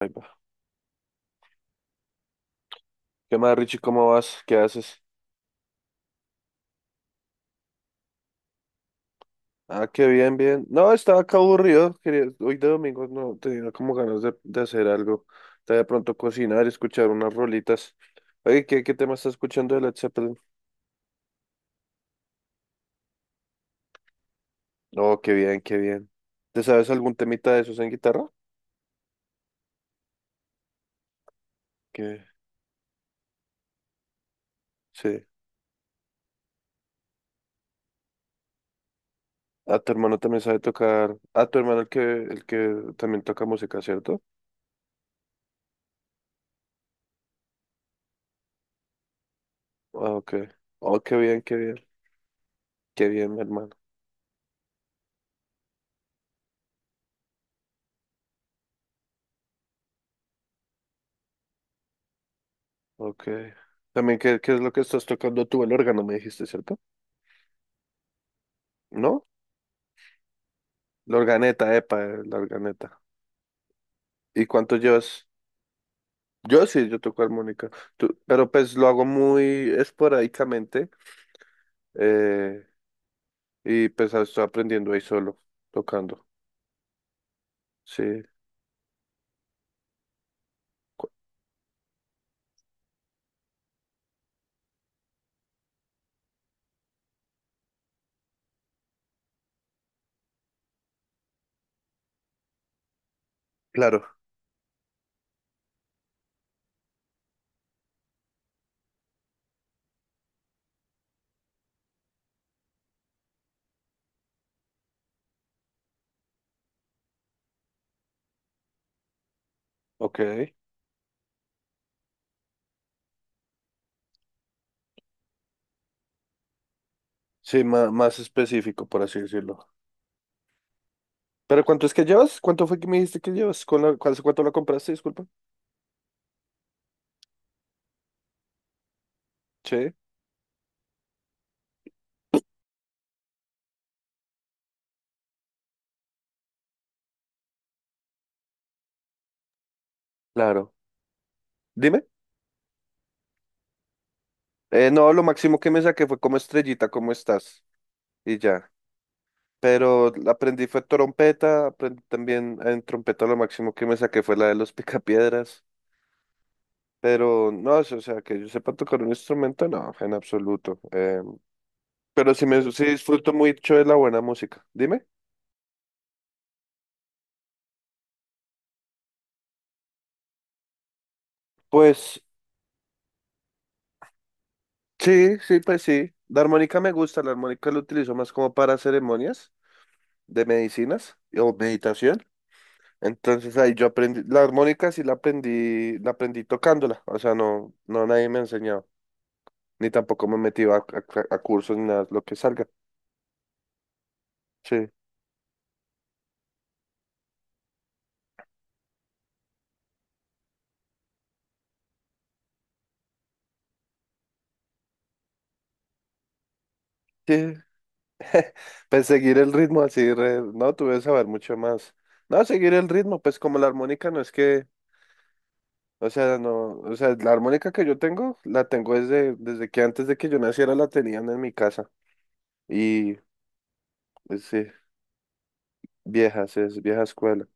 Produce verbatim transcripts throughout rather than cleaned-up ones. Ahí va. ¿Qué más, Richie? ¿Cómo vas? ¿Qué haces? Ah, qué bien, bien. No, estaba acá aburrido. Quería... Hoy de domingo no tenía como ganas de, de hacer algo. Estaba de pronto cocinar, escuchar unas rolitas. Oye, ¿qué, qué tema estás escuchando de Led Zeppelin? Oh, qué bien, qué bien. ¿Te sabes algún temita de esos en guitarra? Que sí. Ah, tu hermano también sabe tocar. Ah, tu hermano el que, el que también toca música, ¿cierto? Ah, ok. Oh, qué bien, qué bien. Qué bien, mi hermano. Ok. También, ¿qué, qué es lo que estás tocando tú? El órgano, me dijiste, ¿cierto? ¿No? La organeta, epa, eh, la organeta. ¿Y cuánto llevas? Yo sí, yo toco armónica. Tú- pero pues lo hago muy esporádicamente, eh, y pues estoy aprendiendo ahí solo, tocando. Sí, cu- claro. Ok. Sí, más, más específico, por así decirlo. ¿Pero cuánto es que llevas? ¿Cuánto fue que me dijiste que llevas? ¿Con la, cu- hace cuánto la compraste? Disculpa. Sí, claro. Dime. Eh, no, lo máximo que me saqué fue como estrellita, ¿cómo estás? Y ya. Pero aprendí fue trompeta, aprendí también en trompeta lo máximo que me saqué fue la de los picapiedras. Pero no, o sea, que yo sepa tocar un instrumento, no, en absoluto. Eh, pero sí, me, sí disfruto mucho de la buena música. Dime. Pues sí, sí, pues sí. La armónica me gusta, la armónica la utilizo más como para ceremonias de medicinas o meditación. Entonces ahí yo aprendí, la armónica sí la aprendí, la aprendí tocándola, o sea, no, no nadie me enseñó ni tampoco me he metido a, a- a cursos ni nada, lo que salga. Sí, sí, pues seguir el ritmo así, re- no, tuve que saber mucho más. No, seguir el ritmo, pues como la armónica no es que, o sea, no, o sea, la armónica que yo tengo, la tengo desde, desde que antes de que yo naciera la tenían en mi casa. Y, pues sí, viejas, es vieja escuela.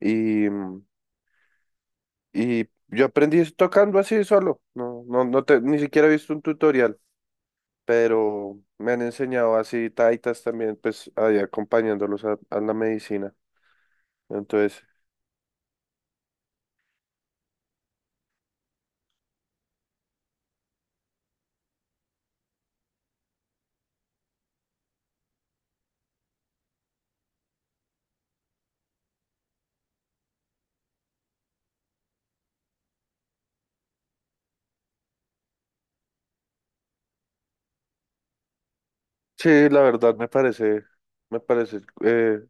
Y, mm, y yo aprendí tocando así solo, no, no, no te, ni siquiera he visto un tutorial. Pero me han enseñado así taitas también, pues ahí acompañándolos a, a la medicina. Entonces, sí, la verdad me parece, me parece eh,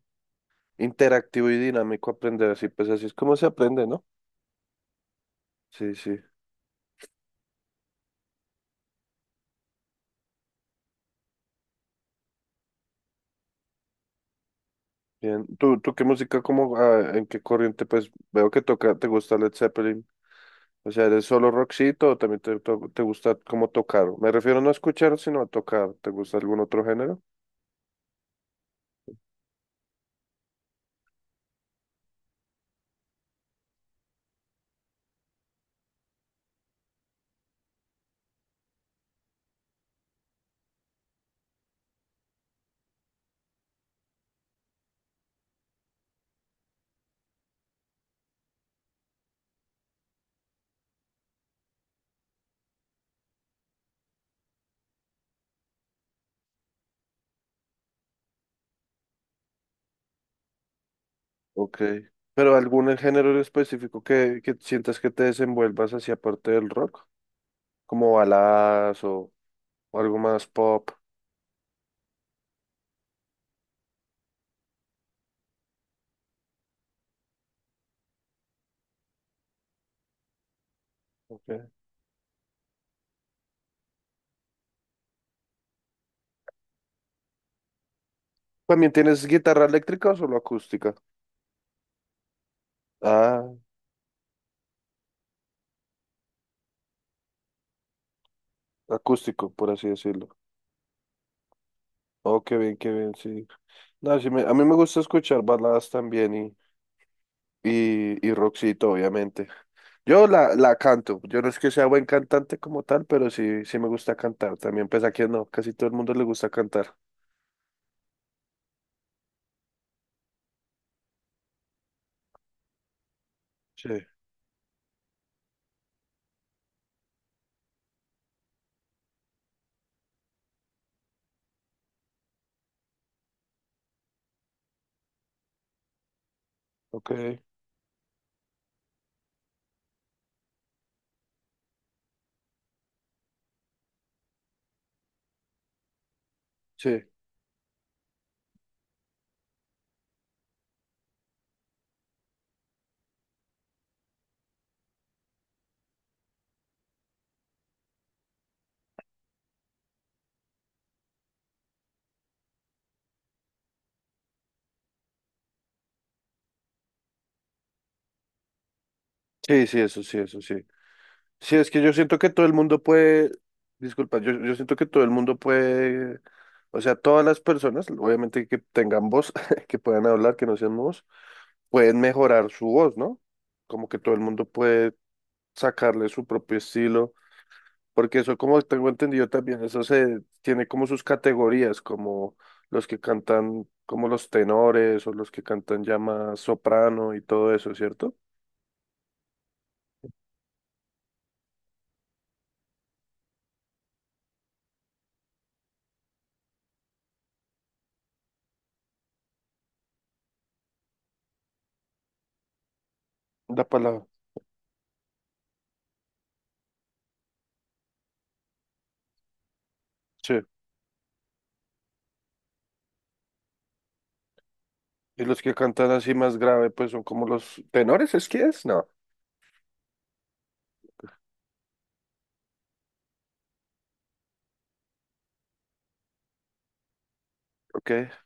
interactivo y dinámico aprender así, pues así es como se aprende, ¿no? Sí, sí. Bien. ¿Tú, tú qué música, como, ah, en qué corriente, pues veo que toca, te gusta Led Zeppelin? O sea, ¿eres solo rockcito o también te, to- te gusta como tocar? Me refiero no a escuchar, sino a tocar. ¿Te gusta algún otro género? Ok. ¿Pero algún género en específico que, que sientas que te desenvuelvas hacia parte del rock? Como baladas o, o algo más pop. Ok. ¿También tienes guitarra eléctrica o solo acústica? Ah, acústico, por así decirlo. Oh, qué bien, qué bien, sí. No, sí me- a mí me gusta escuchar baladas también y, y, y rockcito, obviamente. Yo la, la canto. Yo no es que sea buen cantante como tal, pero sí, sí me gusta cantar. También, pues aquí no, casi todo el mundo le gusta cantar. Sí, ok. Sí. Sí, sí, eso sí, eso sí. Sí, es que yo siento que todo el mundo puede, disculpa, yo, yo siento que todo el mundo puede, o sea, todas las personas, obviamente que tengan voz, que puedan hablar, que no sean mudos, pueden mejorar su voz, ¿no? Como que todo el mundo puede sacarle su propio estilo, porque eso, como tengo entendido también, eso se tiene como sus categorías, como los que cantan, como los tenores o los que cantan ya más soprano y todo eso, ¿cierto? La palabra. Sí. Y los que cantan así más grave, pues son como los tenores, ¿es que es? No. Ok,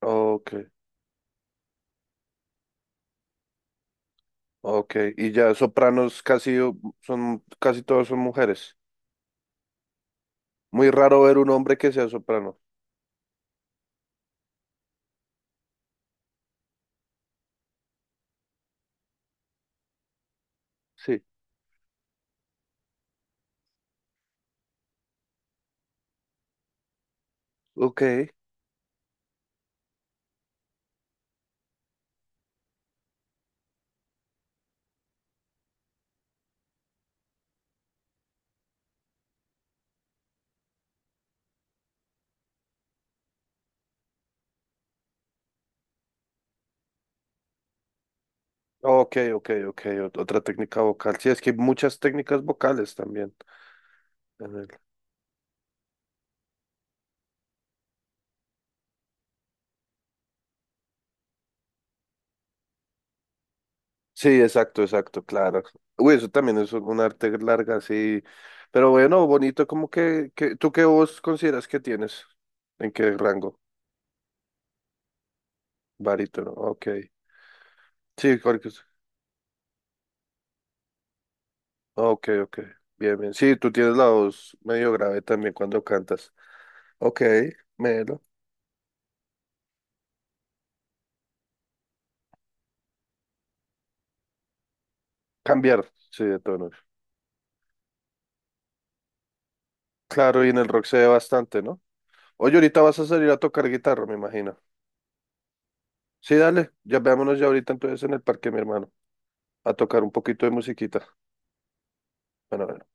ok, ok. Y ya sopranos casi o- son, casi todos son mujeres. Muy raro ver un hombre que sea soprano. Sí. Ok. Ok, ok, ok. ot- Otra técnica vocal. Sí, es que hay muchas técnicas vocales también. en el- Sí, exacto, exacto, claro. Uy, eso también es un un arte larga, sí. Pero bueno, bonito, como que, que, ¿tú qué voz consideras que tienes? ¿En qué rango? Barítono, ok. Sí, porque, ah, ok, ok. Bien, bien. Sí, tú tienes la voz medio grave también cuando cantas. Ok, melo. Cambiar, sí, de tono. Claro, y en el rock se ve bastante, ¿no? Oye, ahorita vas a salir a tocar guitarra, me imagino. Sí, dale. Ya veámonos ya ahorita entonces en el parque, mi hermano, a tocar un poquito de musiquita. Bueno,